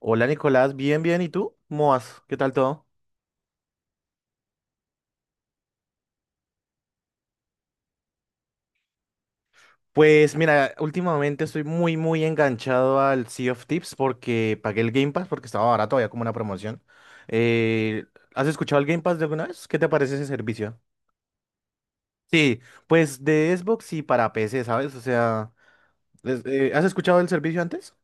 Hola Nicolás, bien, bien. ¿Y tú? ¿Cómo vas? ¿Qué tal todo? Pues mira, últimamente estoy muy enganchado al Sea of Tips porque pagué el Game Pass porque estaba barato, había como una promoción. Eh, ¿Has escuchado el Game Pass de alguna vez? ¿Qué te parece ese servicio? Sí, pues de Xbox y para PC, ¿sabes? O sea, ¿has escuchado el servicio antes?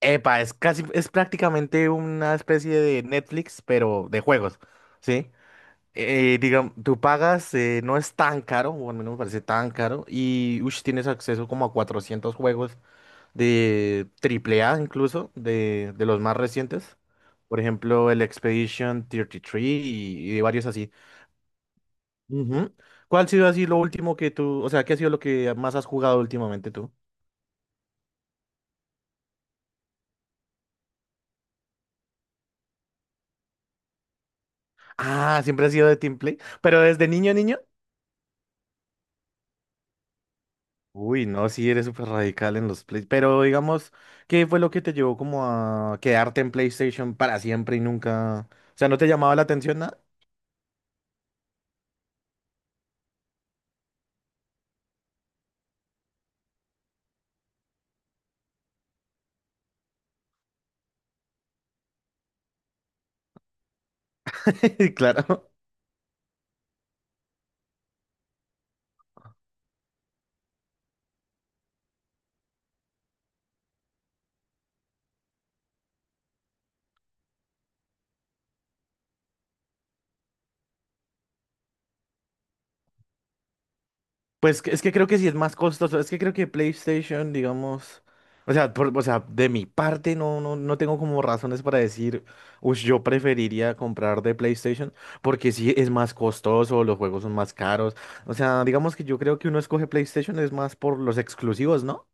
Epa, es casi, es prácticamente una especie de Netflix, pero de juegos, ¿sí? Digamos, tú pagas, no es tan caro, o al menos me parece tan caro, y ush, tienes acceso como a 400 juegos de triple A incluso, de los más recientes. Por ejemplo, el Expedition 33 y, tres y varios así. Ujú. ¿Cuál ha sido así lo último que tú, o sea, qué ha sido lo que más has jugado últimamente tú? Ah, siempre has sido de Team Play, pero desde niño, niño. Uy, no, sí, eres súper radical en los Play. Pero digamos, ¿qué fue lo que te llevó como a quedarte en PlayStation para siempre y nunca? O sea, ¿no te llamaba la atención nada? Claro. Es que creo que sí es más costoso. Es que creo que PlayStation, digamos. O sea, o sea, de mi parte no tengo como razones para decir, uy, yo preferiría comprar de PlayStation, porque sí es más costoso, los juegos son más caros. O sea, digamos que yo creo que uno escoge PlayStation es más por los exclusivos, ¿no?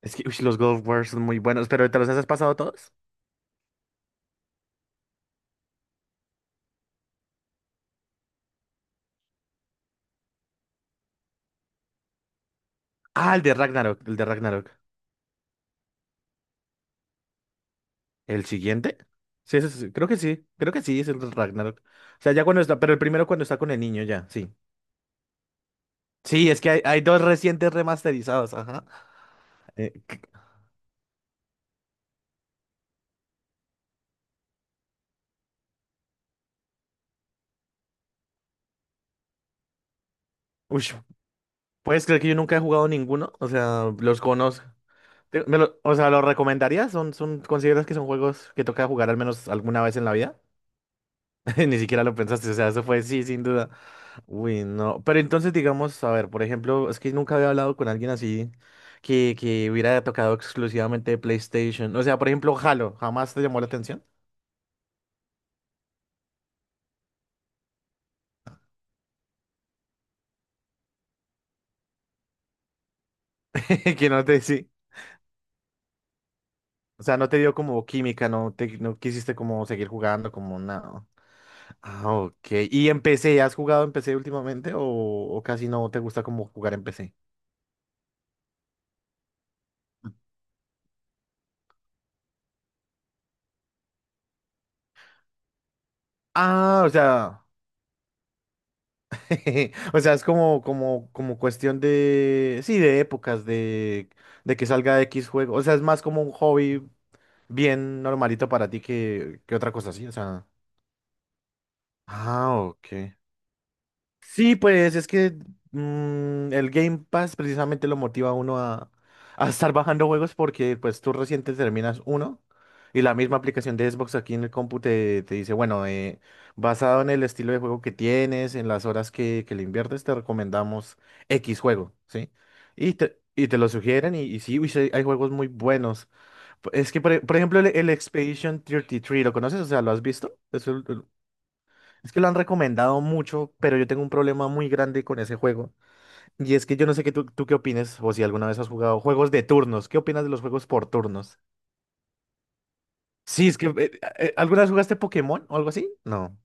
Es que uy, los God of War son muy buenos, pero ¿te los has pasado todos? Ah, el de Ragnarok, el de Ragnarok. ¿El siguiente? Sí, creo que sí, creo que sí, es el de Ragnarok. O sea, ya cuando está, pero el primero cuando está con el niño, ya, sí. Sí, es que hay dos recientes remasterizados, ajá. Eh, c- uy, ¿puedes creer que yo nunca he jugado ninguno? O sea, los conozco. O sea, ¿los recomendarías? ¿Son, son, consideras que son juegos que toca jugar al menos alguna vez en la vida? Ni siquiera lo pensaste, o sea, eso fue sí, sin duda. Uy, no. Pero entonces, digamos, a ver, por ejemplo, es que nunca había hablado con alguien así que hubiera tocado exclusivamente PlayStation. O sea, por ejemplo, Halo, ¿jamás te llamó la atención? Que no te, sí. O sea, no te dio como química, no te, no quisiste como seguir jugando, como nada. Ah, ok. ¿Y en PC? ¿Has jugado en PC últimamente o casi no te gusta como jugar en PC? Ah, o sea. O sea, es como cuestión de, sí, de épocas, de que salga X juego. O sea, es más como un hobby bien normalito para ti que otra cosa así. O sea, ah, ok. Sí, pues es que el Game Pass precisamente lo motiva a uno a estar bajando juegos porque pues tú recién te terminas uno y la misma aplicación de Xbox aquí en el compu te, te dice, bueno, basado en el estilo de juego que tienes, en las horas que le inviertes, te recomendamos X juego, ¿sí? Y te lo sugieren y sí, uy, sí, hay juegos muy buenos. Es que, por ejemplo, el Expedition 33, ¿lo conoces? O sea, ¿lo has visto? Es que lo han recomendado mucho, pero yo tengo un problema muy grande con ese juego. Y es que yo no sé qué tú, tú qué opines, o si alguna vez has jugado juegos de turnos. ¿Qué opinas de los juegos por turnos? Sí, es que ¿alguna vez jugaste Pokémon o algo así? No.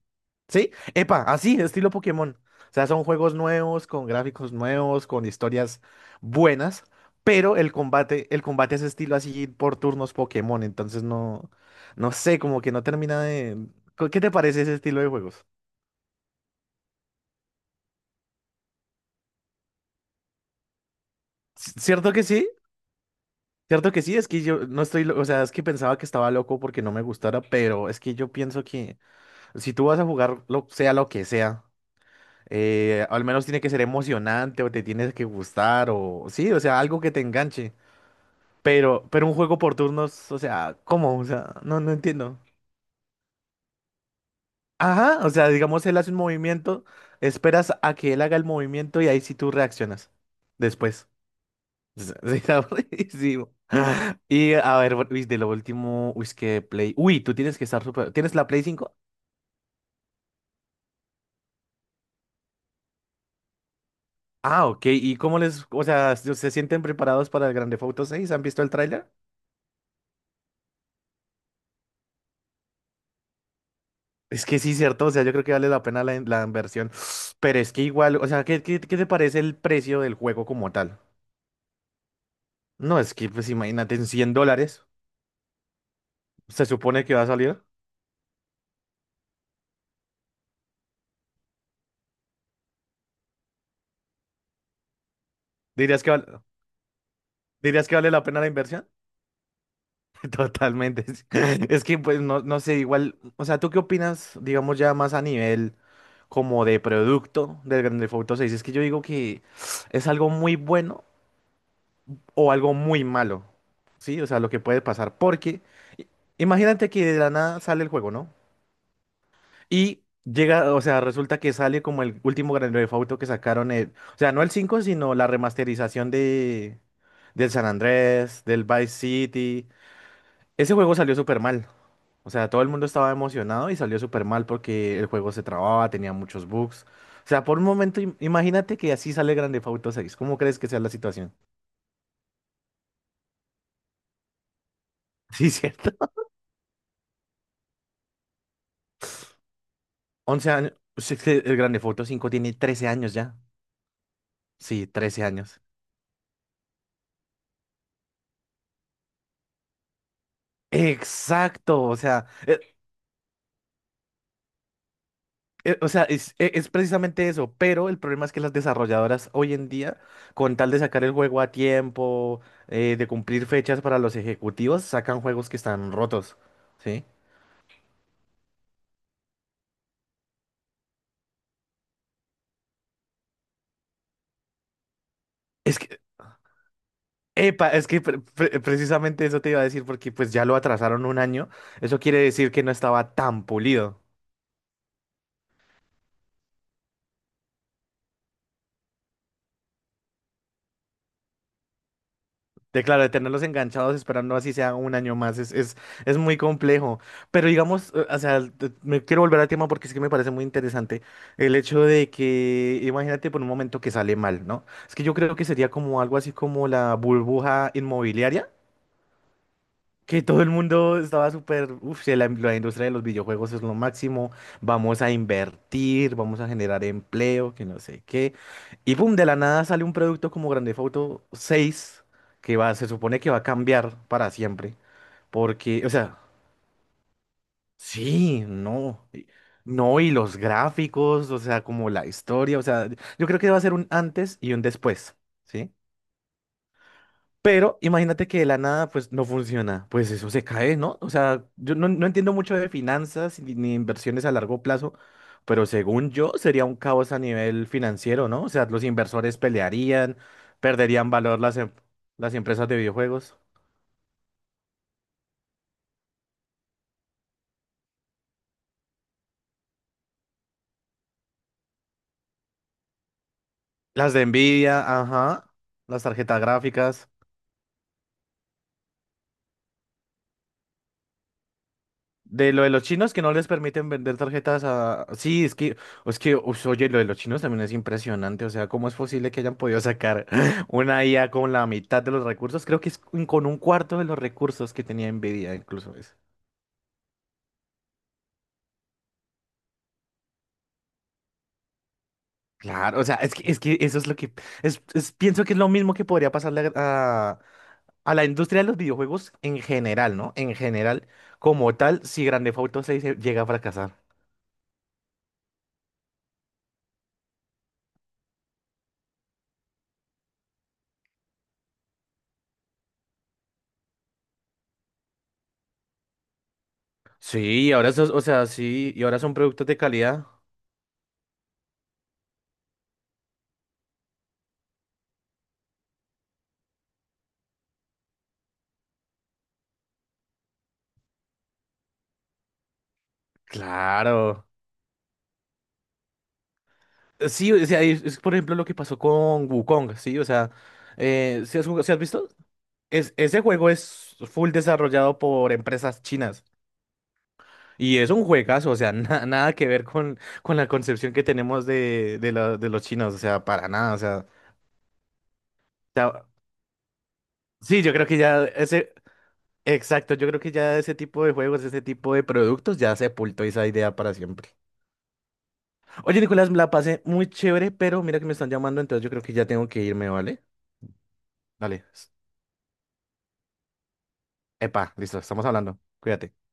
¿Sí? Epa, así, estilo Pokémon. O sea, son juegos nuevos, con gráficos nuevos, con historias buenas, pero el combate es estilo así por turnos Pokémon. Entonces no, no sé, como que no termina de. ¿Qué te parece ese estilo de juegos? ¿Cierto que sí? Cierto que sí, es que yo no estoy, lo- o sea, es que pensaba que estaba loco porque no me gustara, pero es que yo pienso que si tú vas a jugar, lo, sea lo que sea, al menos tiene que ser emocionante o te tienes que gustar o sí, o sea, algo que te enganche. Pero un juego por turnos, o sea, ¿cómo? O sea, no, no entiendo. Ajá, o sea, digamos, él hace un movimiento, esperas a que él haga el movimiento y ahí sí tú reaccionas después. Sí, está aburridísimo. Y a ver, uy, de lo último, uy, es que Play. Uy, tú tienes que estar super. ¿Tienes la Play cinco? Ah, ok. ¿Y cómo les, o sea, se sienten preparados para el Grand Theft Auto 6? ¿Han visto el tráiler? Es que sí, cierto. O sea, yo creo que vale la pena la, la inversión. Pero es que igual, o sea, ¿qué, qué, qué te parece el precio del juego como tal? No, es que, pues imagínate, en $100 se supone que va a salir. ¿Dirías que, val- ¿Dirías que vale la pena la inversión? Totalmente. Es que pues no, no sé, igual, o sea, ¿tú qué opinas, digamos ya más a nivel como de producto del Grand Theft Auto seis? Es que yo digo que es algo muy bueno o algo muy malo, ¿sí? O sea, lo que puede pasar, porque i- imagínate que de la nada sale el juego, ¿no? Y llega, o sea, resulta que sale como el último Grand Theft Auto que sacaron, o sea, no el 5 sino la remasterización del San Andrés, del Vice City. Ese juego salió súper mal. O sea, todo el mundo estaba emocionado y salió súper mal porque el juego se trababa, tenía muchos bugs. O sea, por un momento, imagínate que así sale Grand Theft Auto 6. ¿Cómo crees que sea la situación? Sí, cierto. 11 años. Sí, es que el Grand Theft Auto 5 tiene 13 años ya. Sí, 13 años. Exacto. O sea, es precisamente eso. Pero el problema es que las desarrolladoras hoy en día, con tal de sacar el juego a tiempo, de cumplir fechas para los ejecutivos, sacan juegos que están rotos. ¿Sí? Es que Epa, es que precisamente eso te iba a decir porque pues ya lo atrasaron 1 año. Eso quiere decir que no estaba tan pulido. De claro, de tenerlos enganchados esperando así sea 1 año más es muy complejo. Pero digamos, o sea, me quiero volver al tema porque es que me parece muy interesante el hecho de que, imagínate por un momento que sale mal, ¿no? Es que yo creo que sería como algo así como la burbuja inmobiliaria. Que todo el mundo estaba súper, uff, la industria de los videojuegos es lo máximo, vamos a invertir, vamos a generar empleo, que no sé qué. Y pum, de la nada sale un producto como Grand Theft Auto 6, que va, se supone que va a cambiar para siempre, porque, o sea, sí, no, y- no, y los gráficos, o sea, como la historia, o sea, yo creo que va a ser un antes y un después, ¿sí? Pero imagínate que de la nada, pues no funciona. Pues eso se cae, ¿no? O sea, yo no, no entiendo mucho de finanzas ni inversiones a largo plazo, pero según yo sería un caos a nivel financiero, ¿no? O sea, los inversores pelearían, perderían valor las, las empresas de videojuegos, las de Nvidia, ajá, las tarjetas gráficas. De lo de los chinos que no les permiten vender tarjetas a... Sí, ush, oye, lo de los chinos también es impresionante. O sea, ¿cómo es posible que hayan podido sacar una IA con la mitad de los recursos? Creo que es con un cuarto de los recursos que tenía Nvidia, incluso eso. Claro, o sea, es que eso es lo que... Es, pienso que es lo mismo que podría pasarle a la industria de los videojuegos en general, ¿no? En general, como tal, si Grand Theft Auto seis se llega a fracasar. Sí, y ahora eso, o sea, sí, y ahora son productos de calidad. Claro. Sí, o sea, es, por ejemplo lo que pasó con Wukong, ¿sí? O sea, ¿sí has, sí has visto? Es, ese juego es full desarrollado por empresas chinas y es un juegazo, o sea, nada que ver con la concepción que tenemos de, de los chinos, o sea, para nada, sea, sí, yo creo que ya ese, exacto, yo creo que ya ese tipo de juegos, ese tipo de productos ya sepultó esa idea para siempre. Oye, Nicolás, me la pasé muy chévere, pero mira que me están llamando, entonces yo creo que ya tengo que irme, ¿vale? Dale. Epa, listo, estamos hablando. Cuídate.